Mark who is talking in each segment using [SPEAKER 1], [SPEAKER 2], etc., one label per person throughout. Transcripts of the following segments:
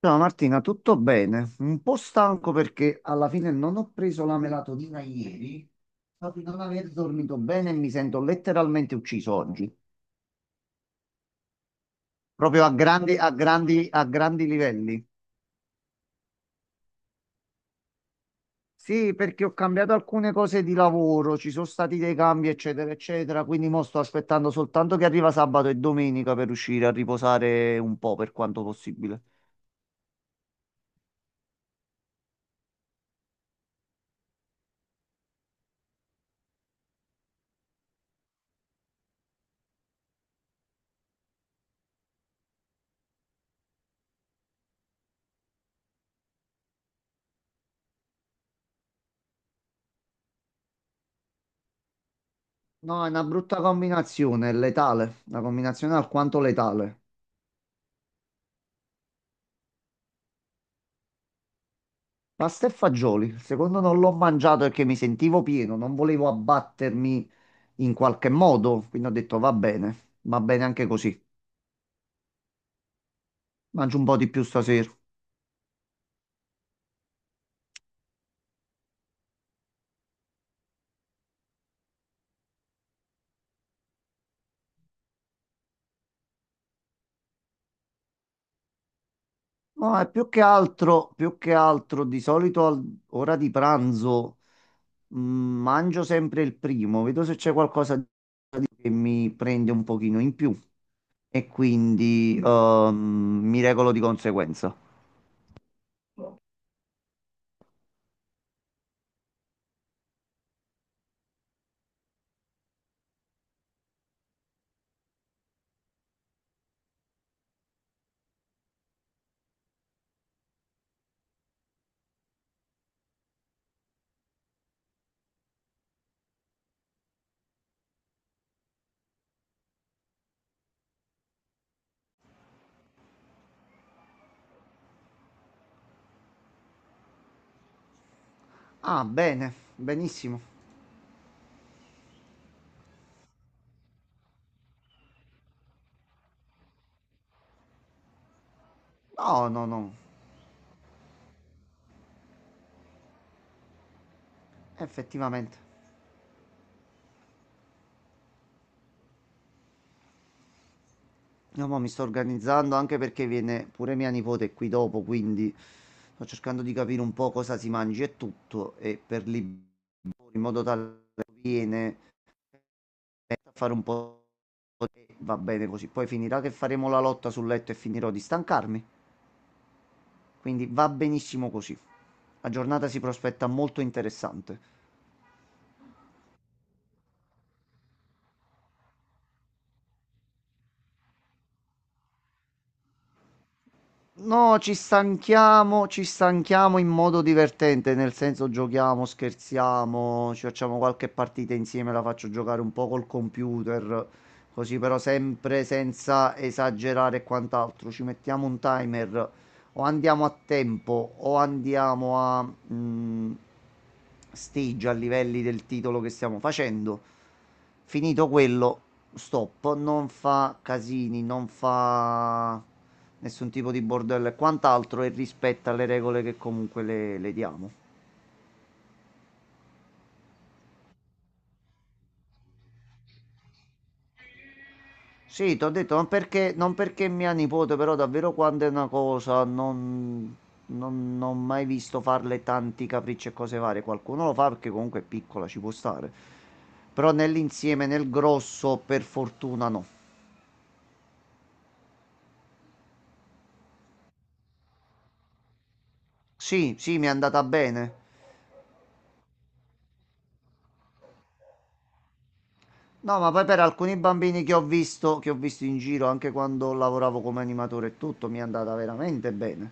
[SPEAKER 1] Ciao Martina, tutto bene? Un po' stanco perché alla fine non ho preso la melatonina ieri, ma di non aver dormito bene e mi sento letteralmente ucciso oggi, proprio a grandi livelli. Sì, perché ho cambiato alcune cose di lavoro, ci sono stati dei cambi, eccetera, eccetera, quindi mo sto aspettando soltanto che arriva sabato e domenica per uscire a riposare un po' per quanto possibile. No, è una brutta combinazione, è letale, una combinazione alquanto letale. Pasta e fagioli, il secondo non l'ho mangiato perché mi sentivo pieno, non volevo abbattermi in qualche modo, quindi ho detto va bene anche così, mangio un po' di più stasera. Ma è più che altro, di solito all'ora di pranzo mangio sempre il primo, vedo se c'è qualcosa che mi prende un pochino in più e quindi mi regolo di conseguenza. Ah, bene, benissimo. No, no, no, effettivamente. No, ma mi sto organizzando anche perché viene pure mia nipote qui dopo, quindi sto cercando di capire un po' cosa si mangi e tutto, e per lì in modo tale che viene a fare un po' e va bene così. Poi finirà che faremo la lotta sul letto e finirò di stancarmi, quindi va benissimo così. La giornata si prospetta molto interessante. No, ci stanchiamo in modo divertente, nel senso giochiamo, scherziamo, ci facciamo qualche partita insieme, la faccio giocare un po' col computer, così però sempre senza esagerare e quant'altro. Ci mettiamo un timer o andiamo a tempo o andiamo a stage a livelli del titolo che stiamo facendo. Finito quello, stop, non fa casini, non fa nessun tipo di bordello e quant'altro e rispetta le regole che comunque le diamo. Sì, ti ho detto, non perché mia nipote, però davvero quando è una cosa, non ho mai visto farle tanti capricci e cose varie. Qualcuno lo fa perché comunque è piccola, ci può stare. Però nell'insieme, nel grosso, per fortuna no. Sì, sì, mi è andata bene. No, ma poi per alcuni bambini che ho visto in giro, anche quando lavoravo come animatore e tutto, mi è andata veramente bene.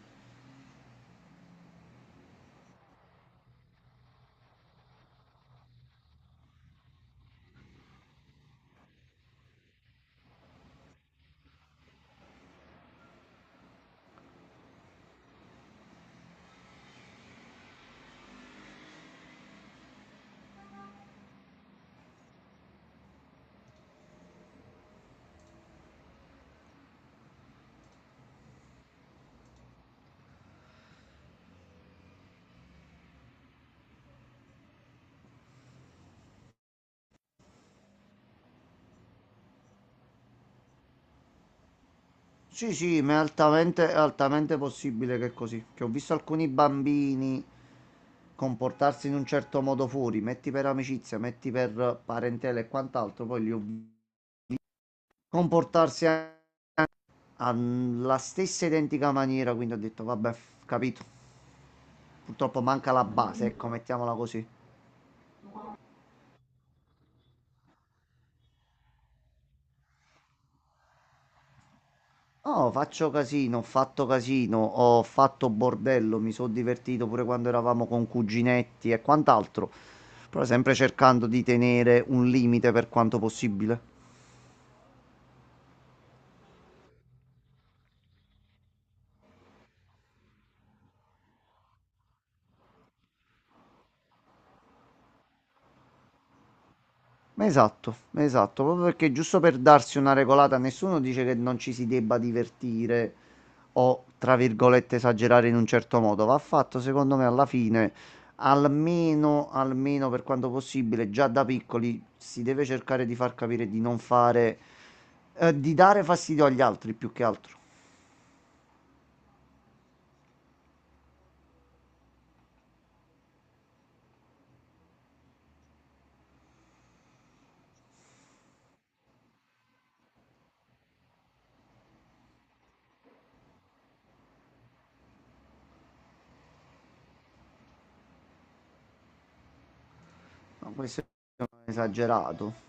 [SPEAKER 1] Sì, sì, ma è altamente possibile che è così. Che ho visto alcuni bambini comportarsi in un certo modo fuori, metti per amicizia, metti per parentela e quant'altro, poi li ho visti comportarsi a- alla stessa identica maniera, quindi ho detto, vabbè, capito. Purtroppo manca la base, ecco, mettiamola così. No, faccio casino, ho fatto bordello, mi sono divertito pure quando eravamo con cuginetti e quant'altro, però sempre cercando di tenere un limite per quanto possibile. Ma esatto, ma esatto, proprio perché giusto per darsi una regolata, nessuno dice che non ci si debba divertire o, tra virgolette, esagerare in un certo modo. Va fatto, secondo me, alla fine, almeno per quanto possibile, già da piccoli si deve cercare di far capire di non fare, di dare fastidio agli altri più che altro. No, questo è esagerato.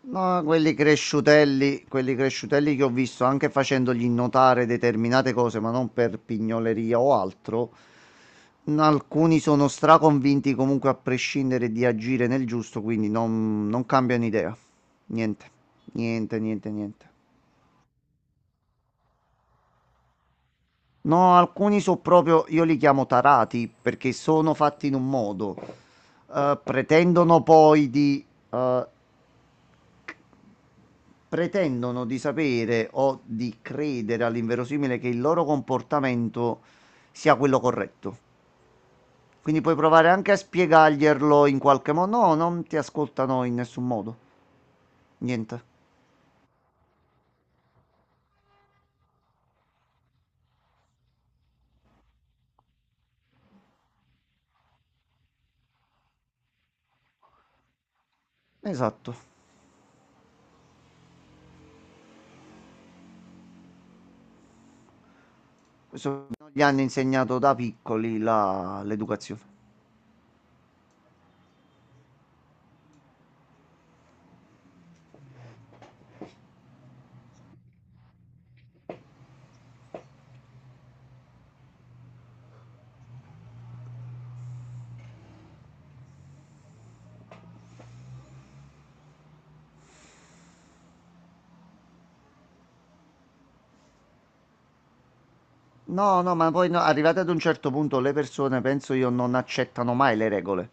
[SPEAKER 1] No, quelli cresciutelli che ho visto anche facendogli notare determinate cose, ma non per pignoleria o altro. Alcuni sono straconvinti comunque a prescindere di agire nel giusto, quindi non cambiano idea. Niente, niente, niente, niente. No, alcuni sono proprio, io li chiamo tarati perché sono fatti in un modo. Eh, pretendono poi di eh, pretendono di sapere o di credere all'inverosimile che il loro comportamento sia quello corretto. Quindi puoi provare anche a spiegarglielo in qualche modo. No, non ti ascoltano in nessun modo. Niente. Esatto. Questo gli hanno insegnato da piccoli l'educazione. No, no, ma poi no, arrivate ad un certo punto le persone, penso io, non accettano mai le regole.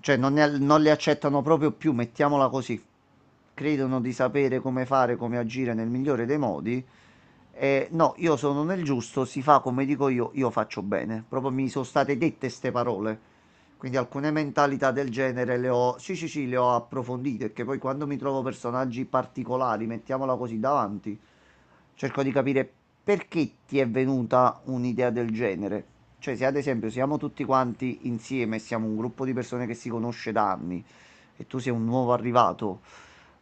[SPEAKER 1] Cioè, non le accettano proprio più, mettiamola così. Credono di sapere come fare, come agire nel migliore dei modi. E no, io sono nel giusto, si fa come dico io faccio bene. Proprio mi sono state dette ste parole. Quindi alcune mentalità del genere le ho, sì, sì, sì, le ho approfondite, che poi quando mi trovo personaggi particolari, mettiamola così davanti, cerco di capire perché ti è venuta un'idea del genere. Cioè, se ad esempio siamo tutti quanti insieme, siamo un gruppo di persone che si conosce da anni e tu sei un nuovo arrivato,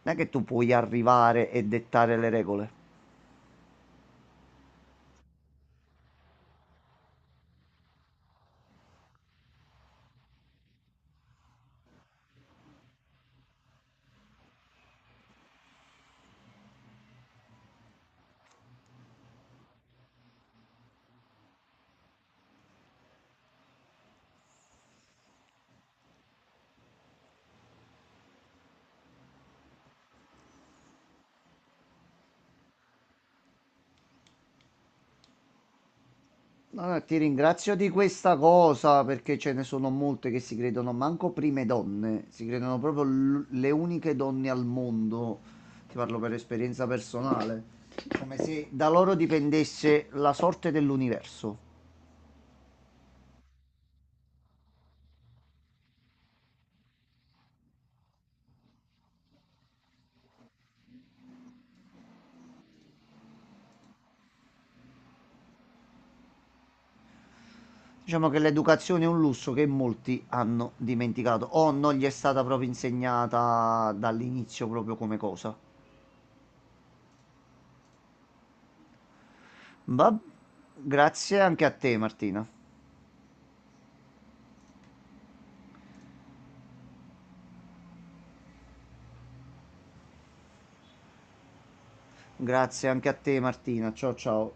[SPEAKER 1] non è che tu puoi arrivare e dettare le regole. Allora, ti ringrazio di questa cosa perché ce ne sono molte che si credono manco prime donne, si credono proprio le uniche donne al mondo. Ti parlo per esperienza personale, come se da loro dipendesse la sorte dell'universo. Diciamo che l'educazione è un lusso che molti hanno dimenticato o non gli è stata proprio insegnata dall'inizio proprio come cosa. Va- Grazie anche a te, Martina. Grazie anche a te, Martina. Ciao ciao.